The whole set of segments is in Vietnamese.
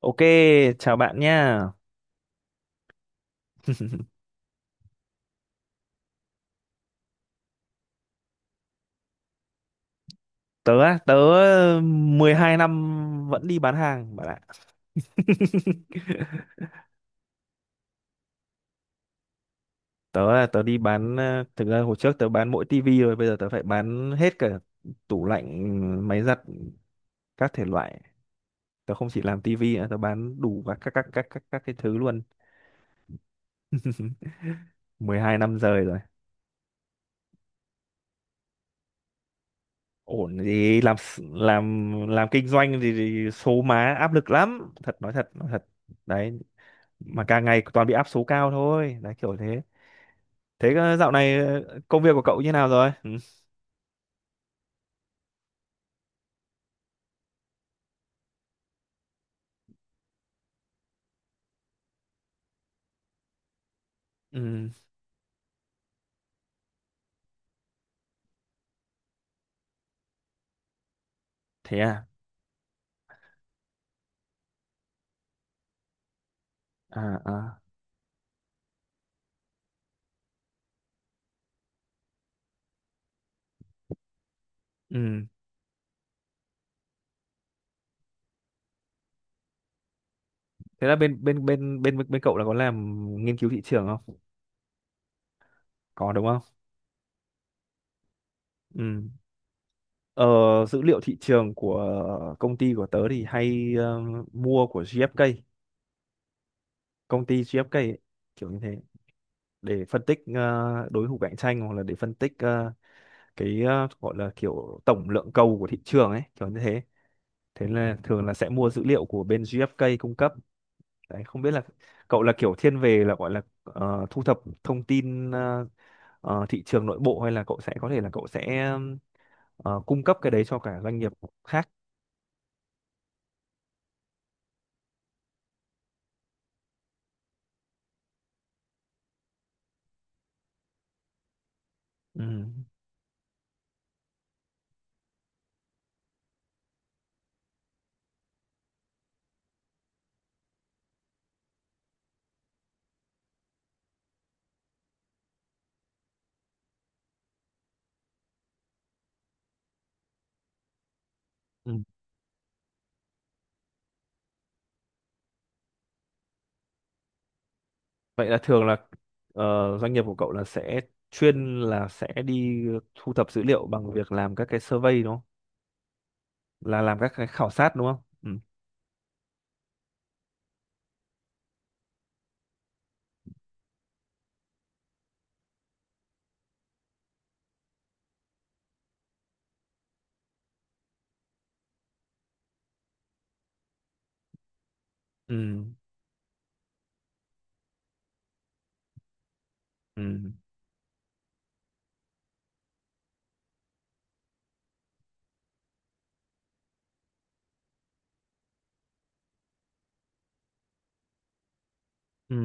Ok, chào bạn nha. Tớ 12 năm vẫn đi bán hàng bạn ạ. Tớ đi bán thực ra hồi trước tớ bán mỗi tivi rồi, bây giờ tớ phải bán hết cả tủ lạnh, máy giặt các thể loại. Tớ không chỉ làm tivi nữa, tớ bán đủ các cái thứ luôn. 12 năm rời rồi. Ổn gì làm làm kinh doanh thì số má áp lực lắm, thật nói thật. Đấy, mà càng ngày toàn bị áp số cao thôi, đấy kiểu thế. Thế dạo này công việc của cậu như nào rồi? Ừ. Ừ. Thế à? À à. Ừ. Thế là bên bên bên bên bên cậu là có làm nghiên cứu thị trường không? Có đúng không? Ừ. Ờ, dữ liệu thị trường của công ty của tớ thì hay mua của GfK, công ty GfK ấy, kiểu như thế để phân tích đối thủ cạnh tranh hoặc là để phân tích cái gọi là kiểu tổng lượng cầu của thị trường ấy, kiểu như thế. Thế là thường là sẽ mua dữ liệu của bên GfK cung cấp. Đấy, không biết là cậu là kiểu thiên về là gọi là thu thập thông tin thị trường nội bộ hay là cậu sẽ có thể là cậu sẽ cung cấp cái đấy cho cả doanh nghiệp khác. Ừ. Ừ. Vậy là thường là doanh nghiệp của cậu là sẽ chuyên là sẽ đi thu thập dữ liệu bằng việc làm các cái survey đúng không? Là làm các cái khảo sát đúng không? Ừ. Ừ. Ừ. Ừ.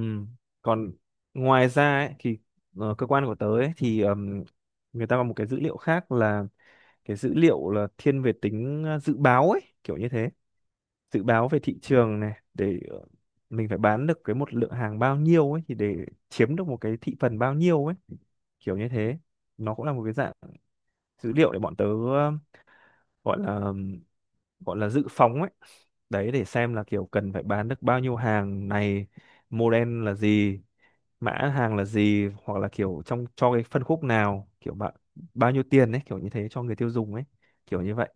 Còn ngoài ra ấy, thì cơ quan của tớ ấy, thì người ta có một cái dữ liệu khác là cái dữ liệu là thiên về tính dự báo ấy kiểu như thế, dự báo về thị trường này để mình phải bán được cái một lượng hàng bao nhiêu ấy thì để chiếm được một cái thị phần bao nhiêu ấy kiểu như thế, nó cũng là một cái dạng dữ liệu để bọn tớ gọi là ừm, gọi là dự phóng ấy, đấy để xem là kiểu cần phải bán được bao nhiêu hàng này, model là gì, mã hàng là gì hoặc là kiểu trong cho cái phân khúc nào, kiểu bạn bao nhiêu tiền ấy kiểu như thế cho người tiêu dùng ấy kiểu như vậy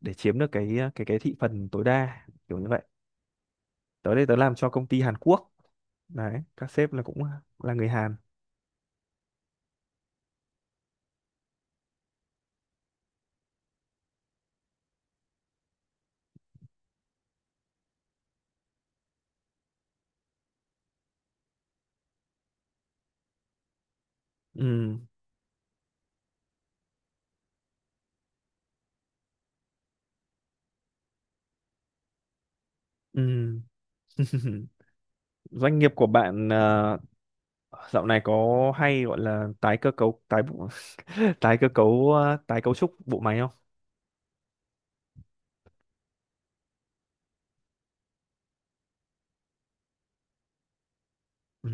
để chiếm được cái cái thị phần tối đa kiểu như vậy. Tới đây tớ làm cho công ty Hàn Quốc, đấy các sếp là cũng là người Hàn. Ừ. Ừ. Doanh nghiệp của bạn dạo này có hay gọi là tái cơ cấu tái bộ- tái cơ cấu tái cấu trúc bộ máy không? Ừ.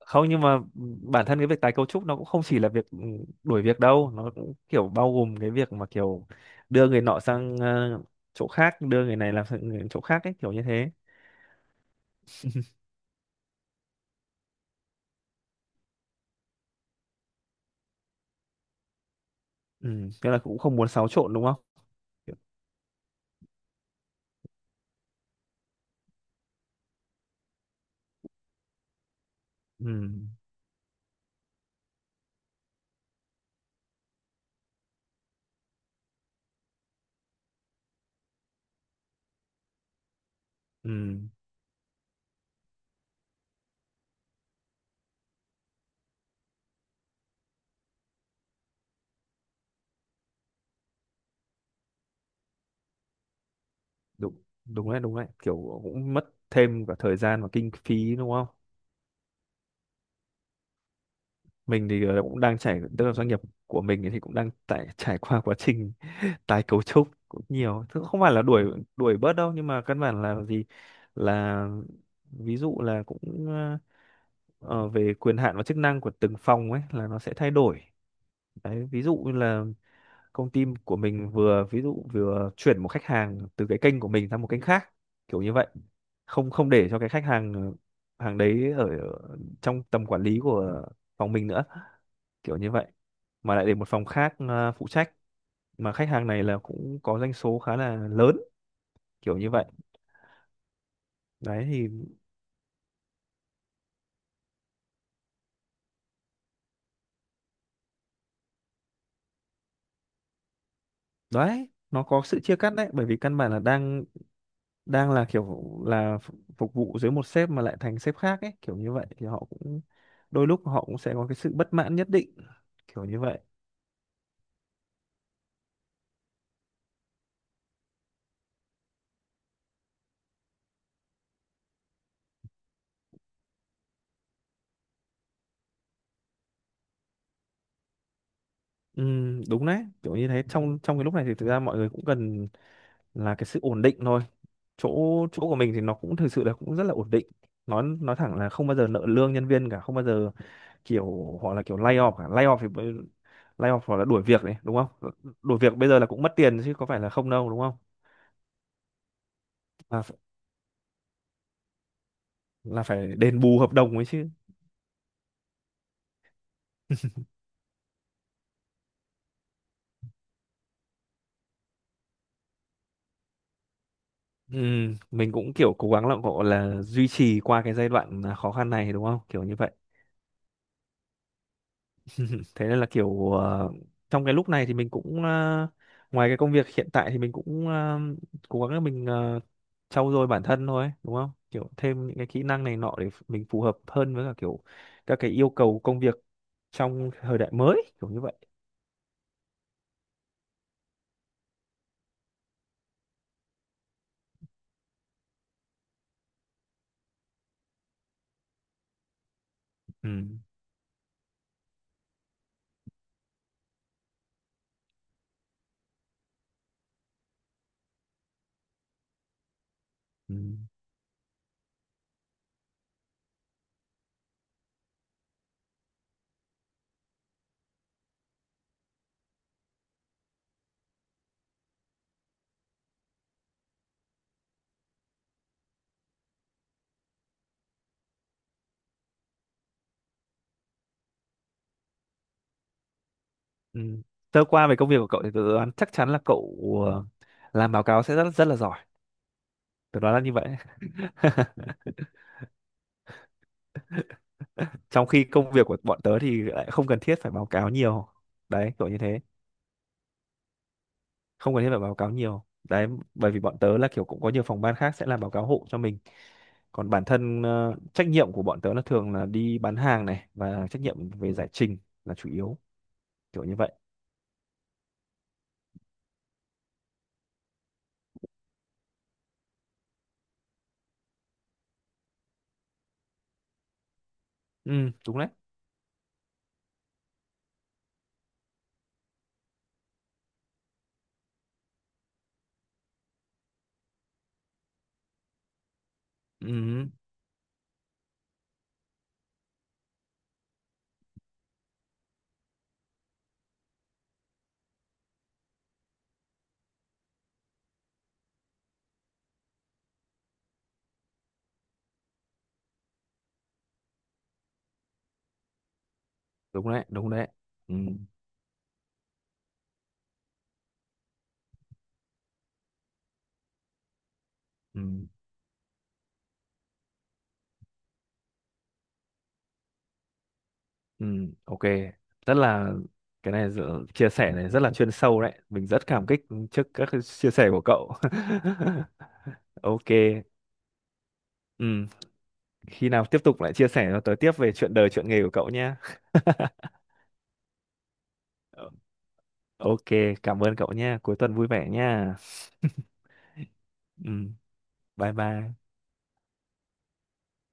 Không nhưng mà bản thân cái việc tái cấu trúc nó cũng không chỉ là việc đuổi việc đâu, nó cũng kiểu bao gồm cái việc mà kiểu đưa người nọ sang chỗ khác, đưa người này làm sang chỗ khác ấy kiểu như thế. Ừ, thế là cũng không muốn xáo trộn đúng không? Kiểu- Ừ, ừ, đúng, đúng đấy, đúng đấy. Kiểu cũng mất thêm cả thời gian và kinh phí đúng không? Mình thì cũng đang trải, tức là doanh nghiệp của mình thì cũng đang tại trải qua quá trình tái cấu trúc cũng nhiều. Thứ không phải là đuổi đuổi bớt đâu, nhưng mà căn bản là gì? Là ví dụ là cũng ờ, về quyền hạn và chức năng của từng phòng ấy là nó sẽ thay đổi. Đấy, ví dụ như là công ty của mình vừa ví dụ vừa chuyển một khách hàng từ cái kênh của mình sang một kênh khác kiểu như vậy, không không để cho cái khách hàng hàng đấy ở trong tầm quản lý của phòng mình nữa kiểu như vậy, mà lại để một phòng khác phụ trách, mà khách hàng này là cũng có doanh số khá là lớn kiểu như vậy. Đấy thì đấy nó có sự chia cắt đấy bởi vì căn bản là đang đang là kiểu là phục vụ dưới một sếp mà lại thành sếp khác ấy kiểu như vậy thì họ cũng đôi lúc họ cũng sẽ có cái sự bất mãn nhất định kiểu như vậy. Ừ, đúng đấy kiểu như thế, trong trong cái lúc này thì thực ra mọi người cũng cần là cái sự ổn định thôi. Chỗ chỗ của mình thì nó cũng thực sự là cũng rất là ổn định, nói thẳng là không bao giờ nợ lương nhân viên cả, không bao giờ, kiểu họ là kiểu lay off cả, lay off thì lay off hoặc là đuổi việc đấy đúng không? Ờ, đuổi việc bây giờ là cũng mất tiền chứ có phải là không đâu đúng không, là, ph- là phải đền bù hợp đồng ấy chứ. Ừ, mình cũng kiểu cố gắng là gọi là duy trì qua cái giai đoạn à, khó khăn này đúng không? Kiểu như vậy. Thế nên là kiểu trong cái lúc này thì mình cũng ngoài cái công việc hiện tại thì mình cũng cố gắng là mình trau dồi bản thân thôi, đúng không? Kiểu thêm những cái kỹ năng này nọ để mình phù hợp hơn với cả kiểu các cái yêu cầu công việc trong thời đại mới, kiểu như vậy. Ừ. Ừ. Ừ. Sơ qua về công việc của cậu thì tớ đoán chắc chắn là cậu ờ, làm báo cáo sẽ rất rất là giỏi. Tớ đoán là như vậy. Trong khi công việc của bọn tớ thì lại không cần thiết phải báo cáo nhiều đấy kiểu như thế, không cần thiết phải báo cáo nhiều đấy, bởi vì bọn tớ là kiểu cũng có nhiều phòng ban khác sẽ làm báo cáo hộ cho mình, còn bản thân trách nhiệm của bọn tớ là thường là đi bán hàng này và trách nhiệm về giải trình là chủ yếu kiểu như vậy. Ừ đúng đấy. Ừ đúng đấy, đúng đấy. Ừ. Ừ. Ừ. Ok. Rất là, cái này chia sẻ này rất là chuyên sâu đấy, mình rất cảm kích trước các cái chia sẻ của cậu. Ok. Ừ, khi nào tiếp tục lại chia sẻ cho tớ tiếp về chuyện đời chuyện nghề của cậu nhé. Ờ. Ok, cảm ơn cậu nhé, cuối tuần vui vẻ nha. Ừ, bye bye.